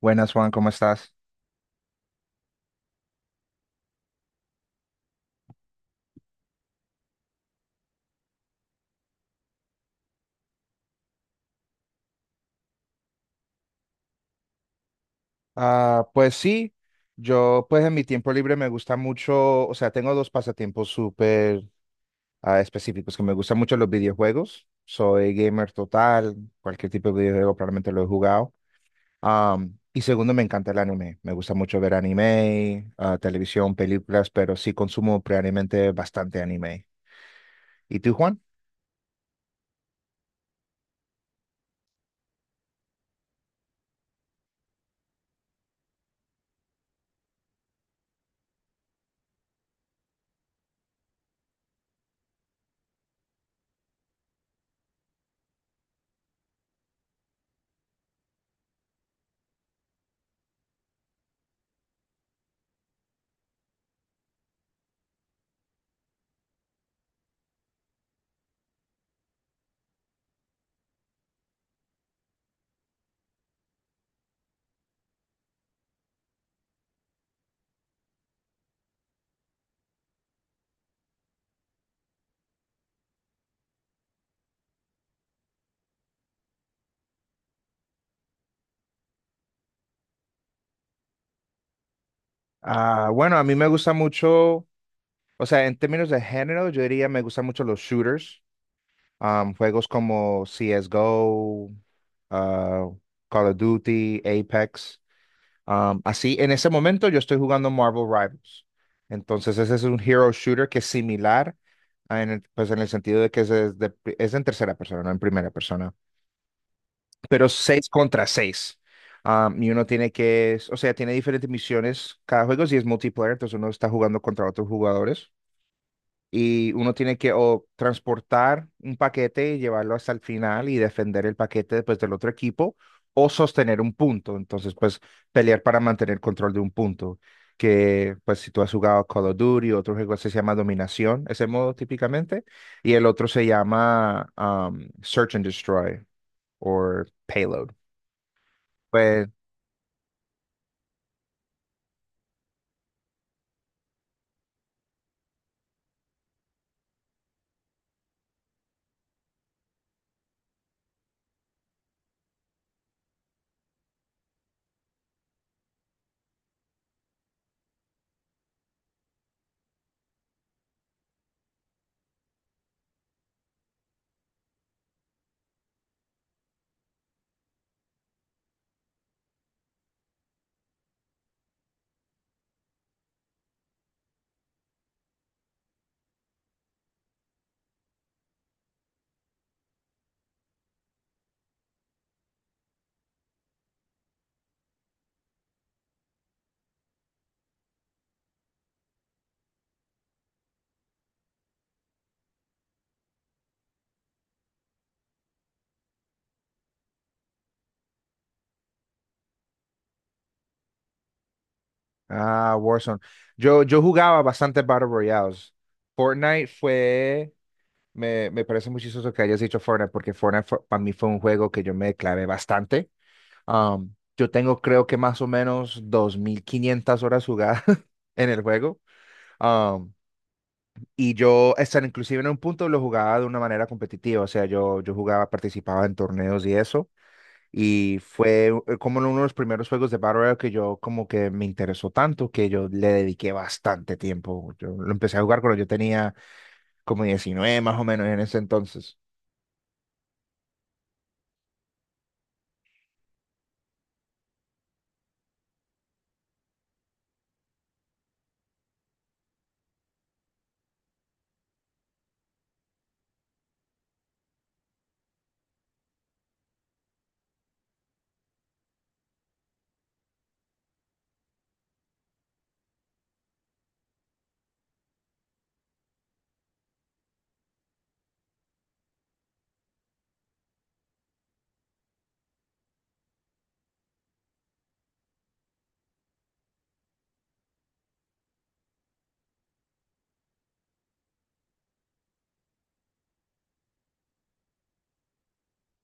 Buenas, Juan, ¿cómo estás? Ah, pues sí, yo pues en mi tiempo libre me gusta mucho, o sea, tengo dos pasatiempos súper específicos, que me gustan mucho los videojuegos, soy gamer total, cualquier tipo de videojuego probablemente lo he jugado. Y segundo, me encanta el anime, me gusta mucho ver anime, televisión, películas, pero sí consumo previamente bastante anime. ¿Y tú, Juan? Ah, bueno, a mí me gusta mucho, o sea, en términos de género, yo diría me gustan mucho los shooters. Juegos como C CSGO, ah, Call of Duty, Apex. Así, en ese momento yo estoy jugando Marvel Rivals. Entonces, ese es un hero shooter que es similar, a en el, pues en el sentido de que es, es en tercera persona, no en primera persona, pero seis contra seis. Y uno tiene que, o sea, tiene diferentes misiones cada juego, si es multiplayer, entonces uno está jugando contra otros jugadores y uno tiene que o transportar un paquete y llevarlo hasta el final y defender el paquete después del otro equipo o sostener un punto. Entonces, pues pelear para mantener control de un punto. Que pues si tú has jugado Call of Duty, otro juego se llama Dominación, ese modo típicamente, y el otro se llama Search and Destroy o Payload. Pues, Warzone. Yo jugaba bastante Battle Royales. Fortnite fue Me parece muy chistoso que hayas dicho Fortnite, porque Fortnite para mí fue un juego que yo me clavé bastante. Yo tengo creo que más o menos 2.500 horas jugadas en el juego. Am, y yo, hasta inclusive en un punto lo jugaba de una manera competitiva, o sea, yo jugaba, participaba en torneos y eso. Y fue como uno de los primeros juegos de Battle Royale que yo como que me interesó tanto que yo le dediqué bastante tiempo. Yo lo empecé a jugar cuando yo tenía como 19 más o menos en ese entonces.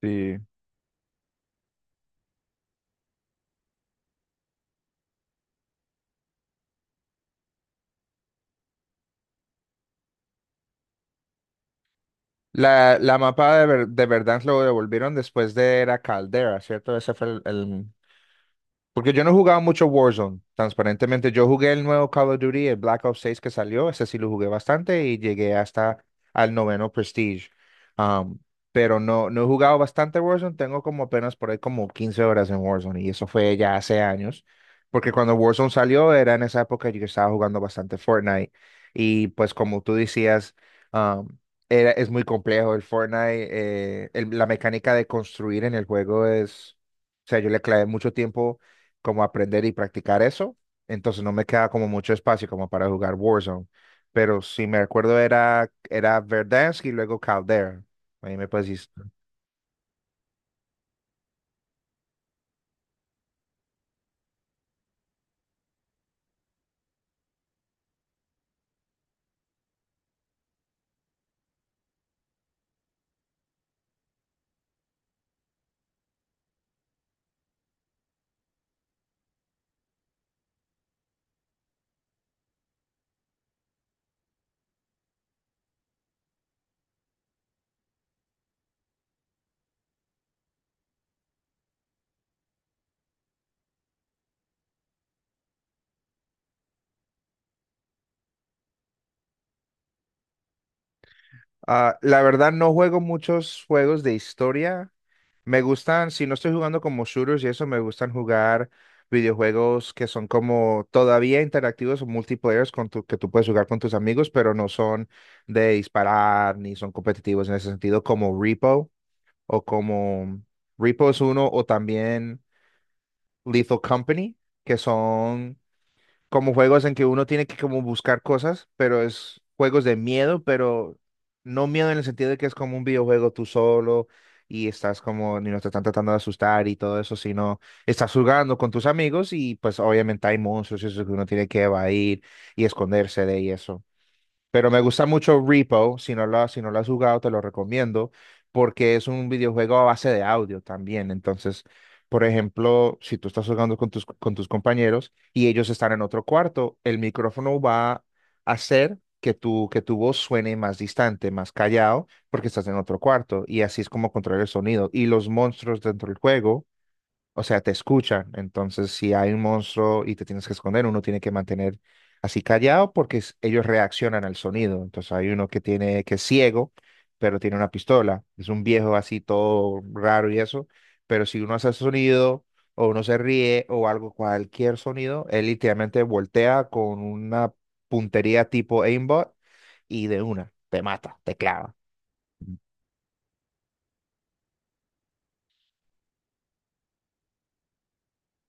Sí. La mapa de, de Verdansk lo devolvieron después de Era Caldera, ¿cierto? Ese fue el- Porque yo no jugaba mucho Warzone, transparentemente. Yo jugué el nuevo Call of Duty, el Black Ops 6 que salió, ese sí lo jugué bastante y llegué hasta al noveno Prestige. Am, pero no he jugado bastante Warzone, tengo como apenas por ahí como 15 horas en Warzone y eso fue ya hace años. Porque cuando Warzone salió era en esa época yo estaba jugando bastante Fortnite y pues como tú decías, am, era, es muy complejo el Fortnite, la mecánica de construir en el juego es. O sea, yo le clavé mucho tiempo como aprender y practicar eso. Entonces no me queda como mucho espacio como para jugar Warzone. Pero si me recuerdo era Verdansk y luego Caldera. Ahí me puedes Ah, La verdad no juego muchos juegos de historia. Me gustan, si no estoy jugando como shooters y eso, me gustan jugar videojuegos que son como todavía interactivos o multiplayers con que tú puedes jugar con tus amigos, pero no son de disparar ni son competitivos en ese sentido, como Repo. O como Repo es uno, o también Lethal Company, que son como juegos en que uno tiene que como buscar cosas, pero es juegos de miedo, pero no miedo en el sentido de que es como un videojuego tú solo y estás como, ni no te están tratando de asustar y todo eso, sino estás jugando con tus amigos y pues obviamente hay monstruos y eso que uno tiene que evadir y esconderse de y eso. Pero me gusta mucho Repo, si no lo has jugado, te lo recomiendo, porque es un videojuego a base de audio también. Entonces, por ejemplo, si tú estás jugando con tus compañeros y ellos están en otro cuarto, el micrófono va a hacer que tu voz suene más distante, más callado, porque estás en otro cuarto. Y así es como controlar el sonido. Y los monstruos dentro del juego, o sea, te escuchan. Entonces, si hay un monstruo y te tienes que esconder, uno tiene que mantener así callado porque ellos reaccionan al sonido. Entonces, hay uno que tiene que es ciego, pero tiene una pistola. Es un viejo así todo raro y eso. Pero si uno hace sonido o uno se ríe o algo, cualquier sonido, él literalmente voltea con una puntería tipo aimbot y de una te mata, te clava.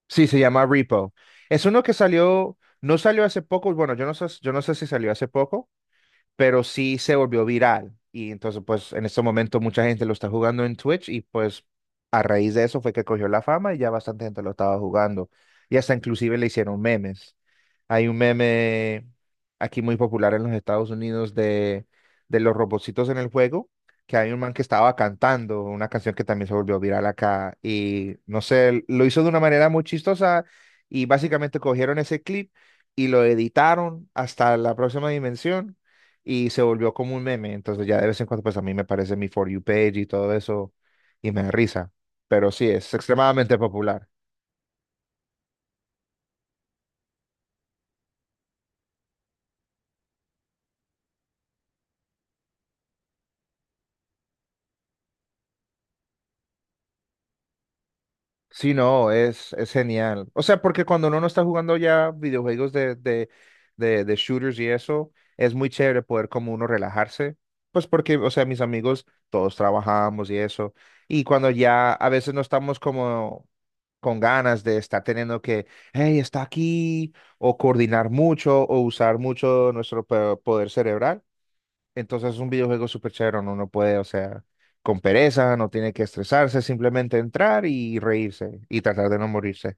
Sí, se llama Repo. Es uno que salió, no salió hace poco, bueno, yo no sé si salió hace poco, pero sí se volvió viral. Y entonces, pues en este momento mucha gente lo está jugando en Twitch y pues a raíz de eso fue que cogió la fama y ya bastante gente lo estaba jugando. Y hasta inclusive le hicieron memes. Hay un meme aquí muy popular en los Estados Unidos de, los robotcitos en el juego, que hay un man que estaba cantando una canción que también se volvió viral acá y no sé, lo hizo de una manera muy chistosa y básicamente cogieron ese clip y lo editaron hasta la próxima dimensión y se volvió como un meme. Entonces ya de vez en cuando pues a mí me aparece mi For You page y todo eso y me da risa. Pero sí, es extremadamente popular. Sí, no, es genial. O sea, porque cuando uno no está jugando ya videojuegos de shooters y eso, es muy chévere poder como uno relajarse. Pues porque, o sea, mis amigos, todos trabajamos y eso. Y cuando ya a veces no estamos como con ganas de estar teniendo que, hey, está aquí, o coordinar mucho, o usar mucho nuestro poder cerebral, entonces es un videojuego súper chévere, uno no puede, o sea, con pereza, no tiene que estresarse, simplemente entrar y reírse y tratar de no morirse.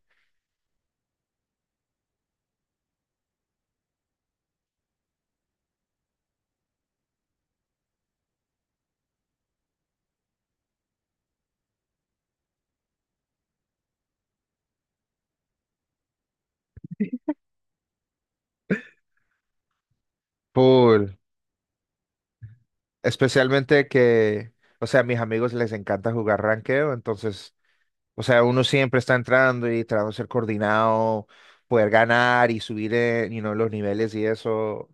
Cool. Especialmente que, o sea, a mis amigos les encanta jugar ranqueo, entonces, o sea, uno siempre está entrando y tratando de ser coordinado, poder ganar y subir, los niveles y eso,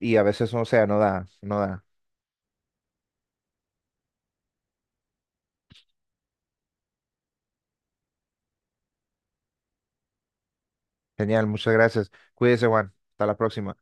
y a veces, o sea, no da, no da. Genial, muchas gracias. Cuídese, Juan. Hasta la próxima.